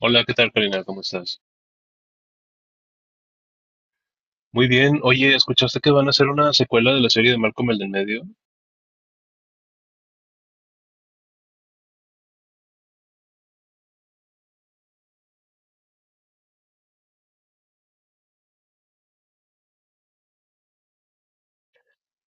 Hola, ¿qué tal, Karina? ¿Cómo estás? Muy bien. Oye, ¿escuchaste que van a hacer una secuela de la serie de Malcolm el del medio?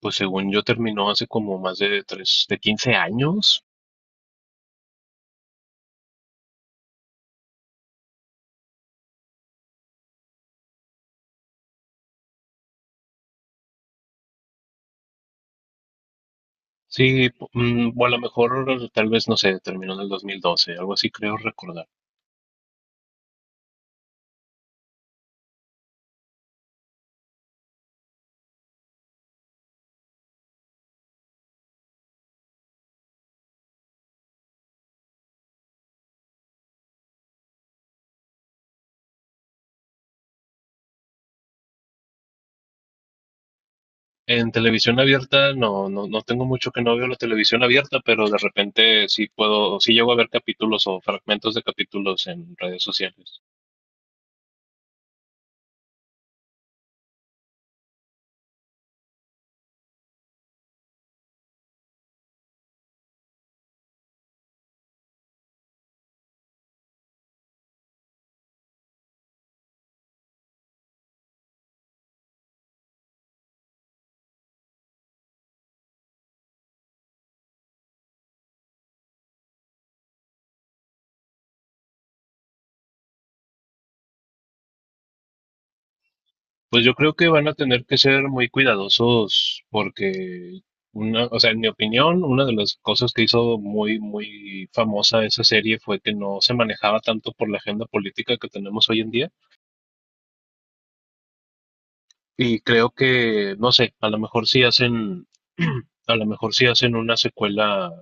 Pues según yo terminó hace como más de tres, de quince años. Sí, o a lo mejor tal vez, no sé, terminó en el 2012, algo así creo recordar. En televisión abierta, no, no tengo mucho que no veo la televisión abierta, pero de repente sí puedo, sí llego a ver capítulos o fragmentos de capítulos en redes sociales. Pues yo creo que van a tener que ser muy cuidadosos porque una, o sea, en mi opinión, una de las cosas que hizo muy, muy famosa esa serie fue que no se manejaba tanto por la agenda política que tenemos hoy en día. Y creo que, no sé, a lo mejor sí hacen, a lo mejor sí hacen una secuela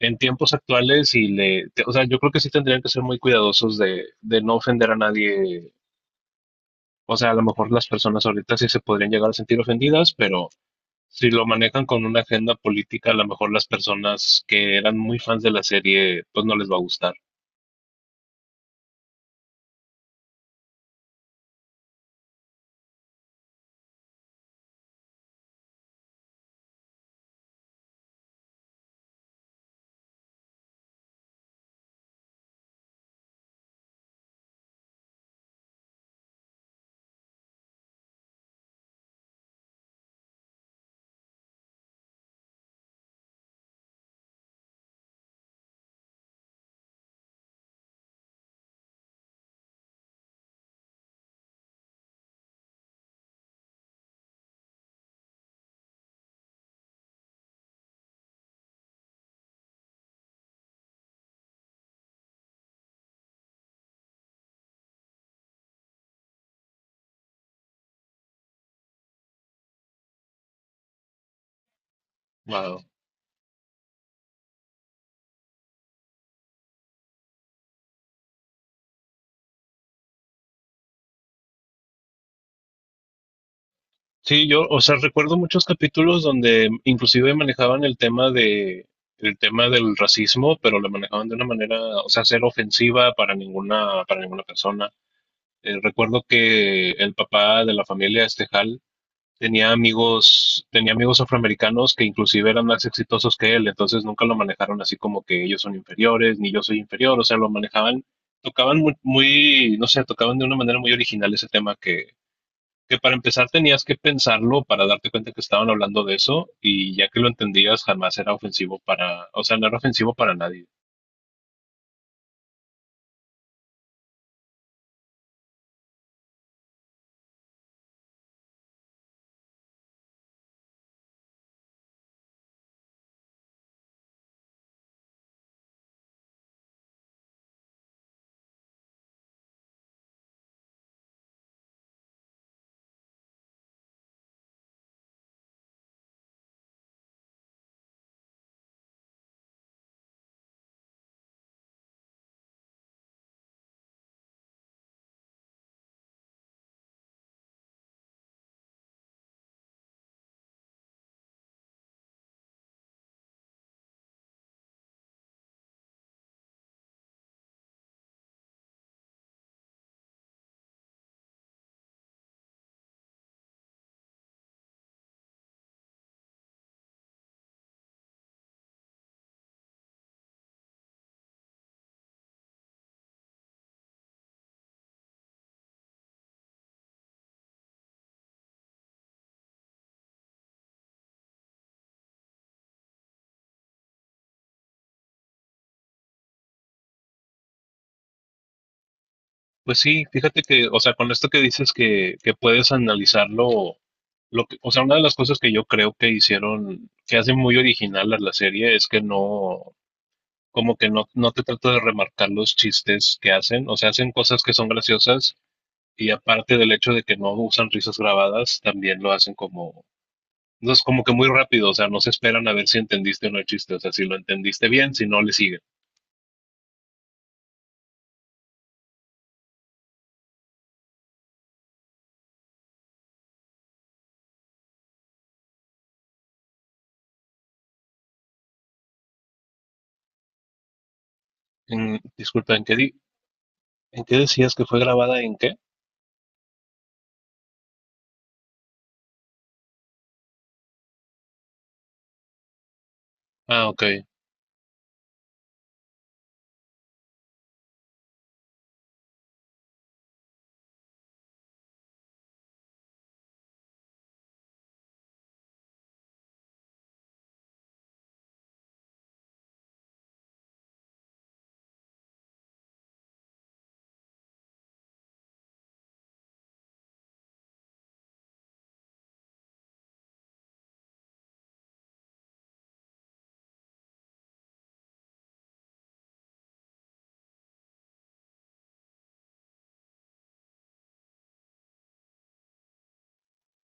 en tiempos actuales y o sea, yo creo que sí tendrían que ser muy cuidadosos de no ofender a nadie. O sea, a lo mejor las personas ahorita sí se podrían llegar a sentir ofendidas, pero si lo manejan con una agenda política, a lo mejor las personas que eran muy fans de la serie, pues no les va a gustar. Wow. Sí, yo, o sea, recuerdo muchos capítulos donde inclusive manejaban el tema del racismo, pero lo manejaban de una manera, o sea, ser ofensiva para ninguna persona. Recuerdo que el papá de la familia Estejal tenía amigos afroamericanos que inclusive eran más exitosos que él, entonces nunca lo manejaron así como que ellos son inferiores ni yo soy inferior, o sea, lo manejaban tocaban muy, muy, no sé, tocaban de una manera muy original ese tema que para empezar tenías que pensarlo para darte cuenta que estaban hablando de eso y ya que lo entendías jamás era ofensivo para, o sea, no era ofensivo para nadie. Pues sí, fíjate que, o sea, con esto que dices que puedes analizarlo, o sea, una de las cosas que yo creo que hicieron, que hace muy original a la serie es que no, como que no, no te trata de remarcar los chistes que hacen, o sea, hacen cosas que son graciosas y aparte del hecho de que no usan risas grabadas, también lo hacen como. No es como que muy rápido, o sea, no se esperan a ver si entendiste o no el chiste, o sea, si lo entendiste bien, si no, le siguen. Disculpa, ¿en qué decías que fue grabada? ¿En qué? Ah, ok.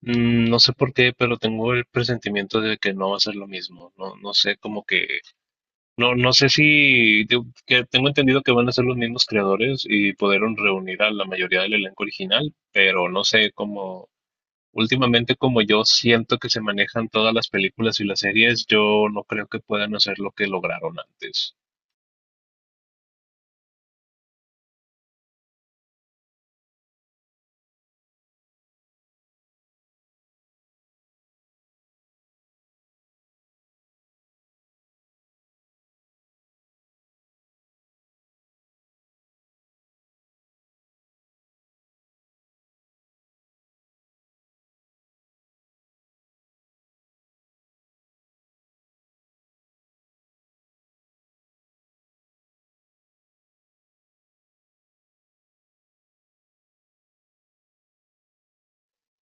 Mm, no sé por qué, pero tengo el presentimiento de que no va a ser lo mismo. No, no sé, como que, no, no sé si, que tengo entendido que van a ser los mismos creadores y pudieron reunir a la mayoría del elenco original, pero no sé cómo. Últimamente, como yo siento que se manejan todas las películas y las series, yo no creo que puedan hacer lo que lograron antes.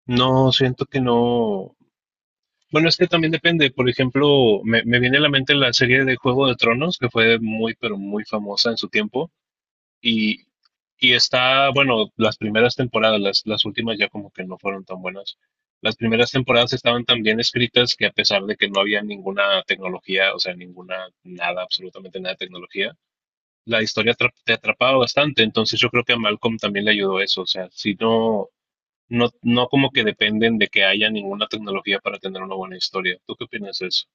No, siento que no. Bueno, es que también depende. Por ejemplo, me viene a la mente la serie de Juego de Tronos, que fue muy, pero muy famosa en su tiempo. Y, y está, bueno, las primeras temporadas, las últimas ya como que no fueron tan buenas. Las primeras temporadas estaban tan bien escritas que a pesar de que no había ninguna tecnología, o sea, ninguna, nada, absolutamente nada de tecnología, la historia te atrapaba bastante, entonces yo creo que a Malcolm también le ayudó eso, o sea, si no, no como que dependen de que haya ninguna tecnología para tener una buena historia. ¿Tú qué opinas de eso?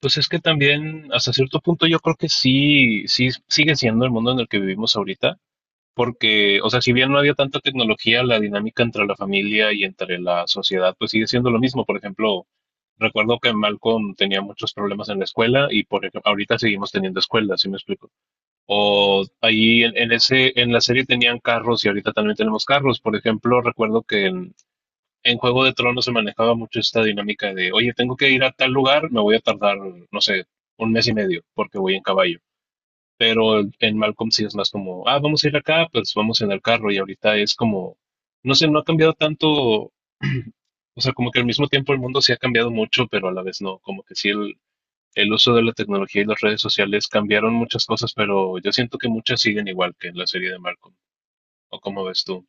Pues es que también, hasta cierto punto, yo creo que sí, sí sigue siendo el mundo en el que vivimos ahorita, porque, o sea, si bien no había tanta tecnología, la dinámica entre la familia y entre la sociedad, pues sigue siendo lo mismo. Por ejemplo, recuerdo que Malcolm tenía muchos problemas en la escuela y por ejemplo, ahorita seguimos teniendo escuelas, ¿sí me explico? O ahí en ese, en la serie tenían carros y ahorita también tenemos carros. Por ejemplo, en Juego de Tronos se manejaba mucho esta dinámica de, oye, tengo que ir a tal lugar, me voy a tardar, no sé, un mes y medio porque voy en caballo. Pero en Malcolm sí es más como, ah, vamos a ir acá, pues vamos en el carro. Y ahorita es como, no sé, no ha cambiado tanto. O sea, como que al mismo tiempo el mundo sí ha cambiado mucho, pero a la vez no. Como que sí el uso de la tecnología y las redes sociales cambiaron muchas cosas, pero yo siento que muchas siguen igual que en la serie de Malcolm. ¿O cómo ves tú?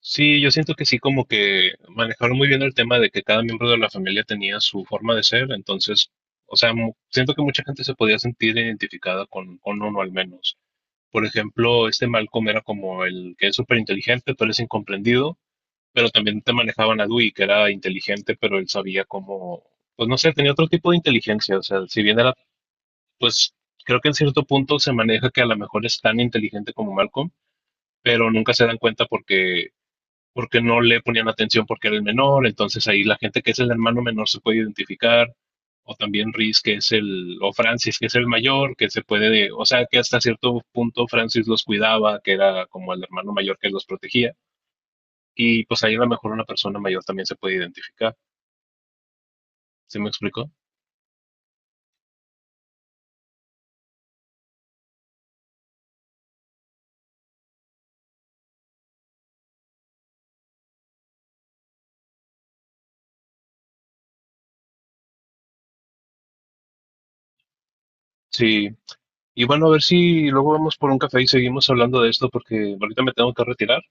Sí, yo siento que sí, como que manejaron muy bien el tema de que cada miembro de la familia tenía su forma de ser, entonces, o sea, siento que mucha gente se podía sentir identificada con uno al menos. Por ejemplo, este Malcolm era como el que es súper inteligente, pero es incomprendido, pero también te manejaban a Dewey, que era inteligente, pero él sabía cómo, pues no sé, tenía otro tipo de inteligencia, o sea, si bien era, pues, creo que en cierto punto se maneja que a lo mejor es tan inteligente como Malcolm, pero nunca se dan cuenta porque no le ponían atención porque era el menor, entonces ahí la gente que es el hermano menor se puede identificar, o también Rhys que es el, o Francis que es el mayor, que se puede, o sea que hasta cierto punto Francis los cuidaba, que era como el hermano mayor que los protegía, y pues ahí a lo mejor una persona mayor también se puede identificar, ¿se me explicó? Sí. Y bueno, a ver si luego vamos por un café y seguimos hablando de esto porque ahorita me tengo que retirar.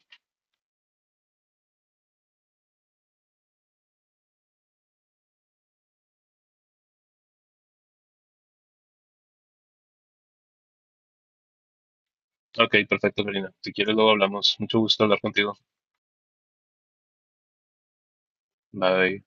Ok, perfecto, Karina. Si quieres, luego hablamos. Mucho gusto hablar contigo. Bye.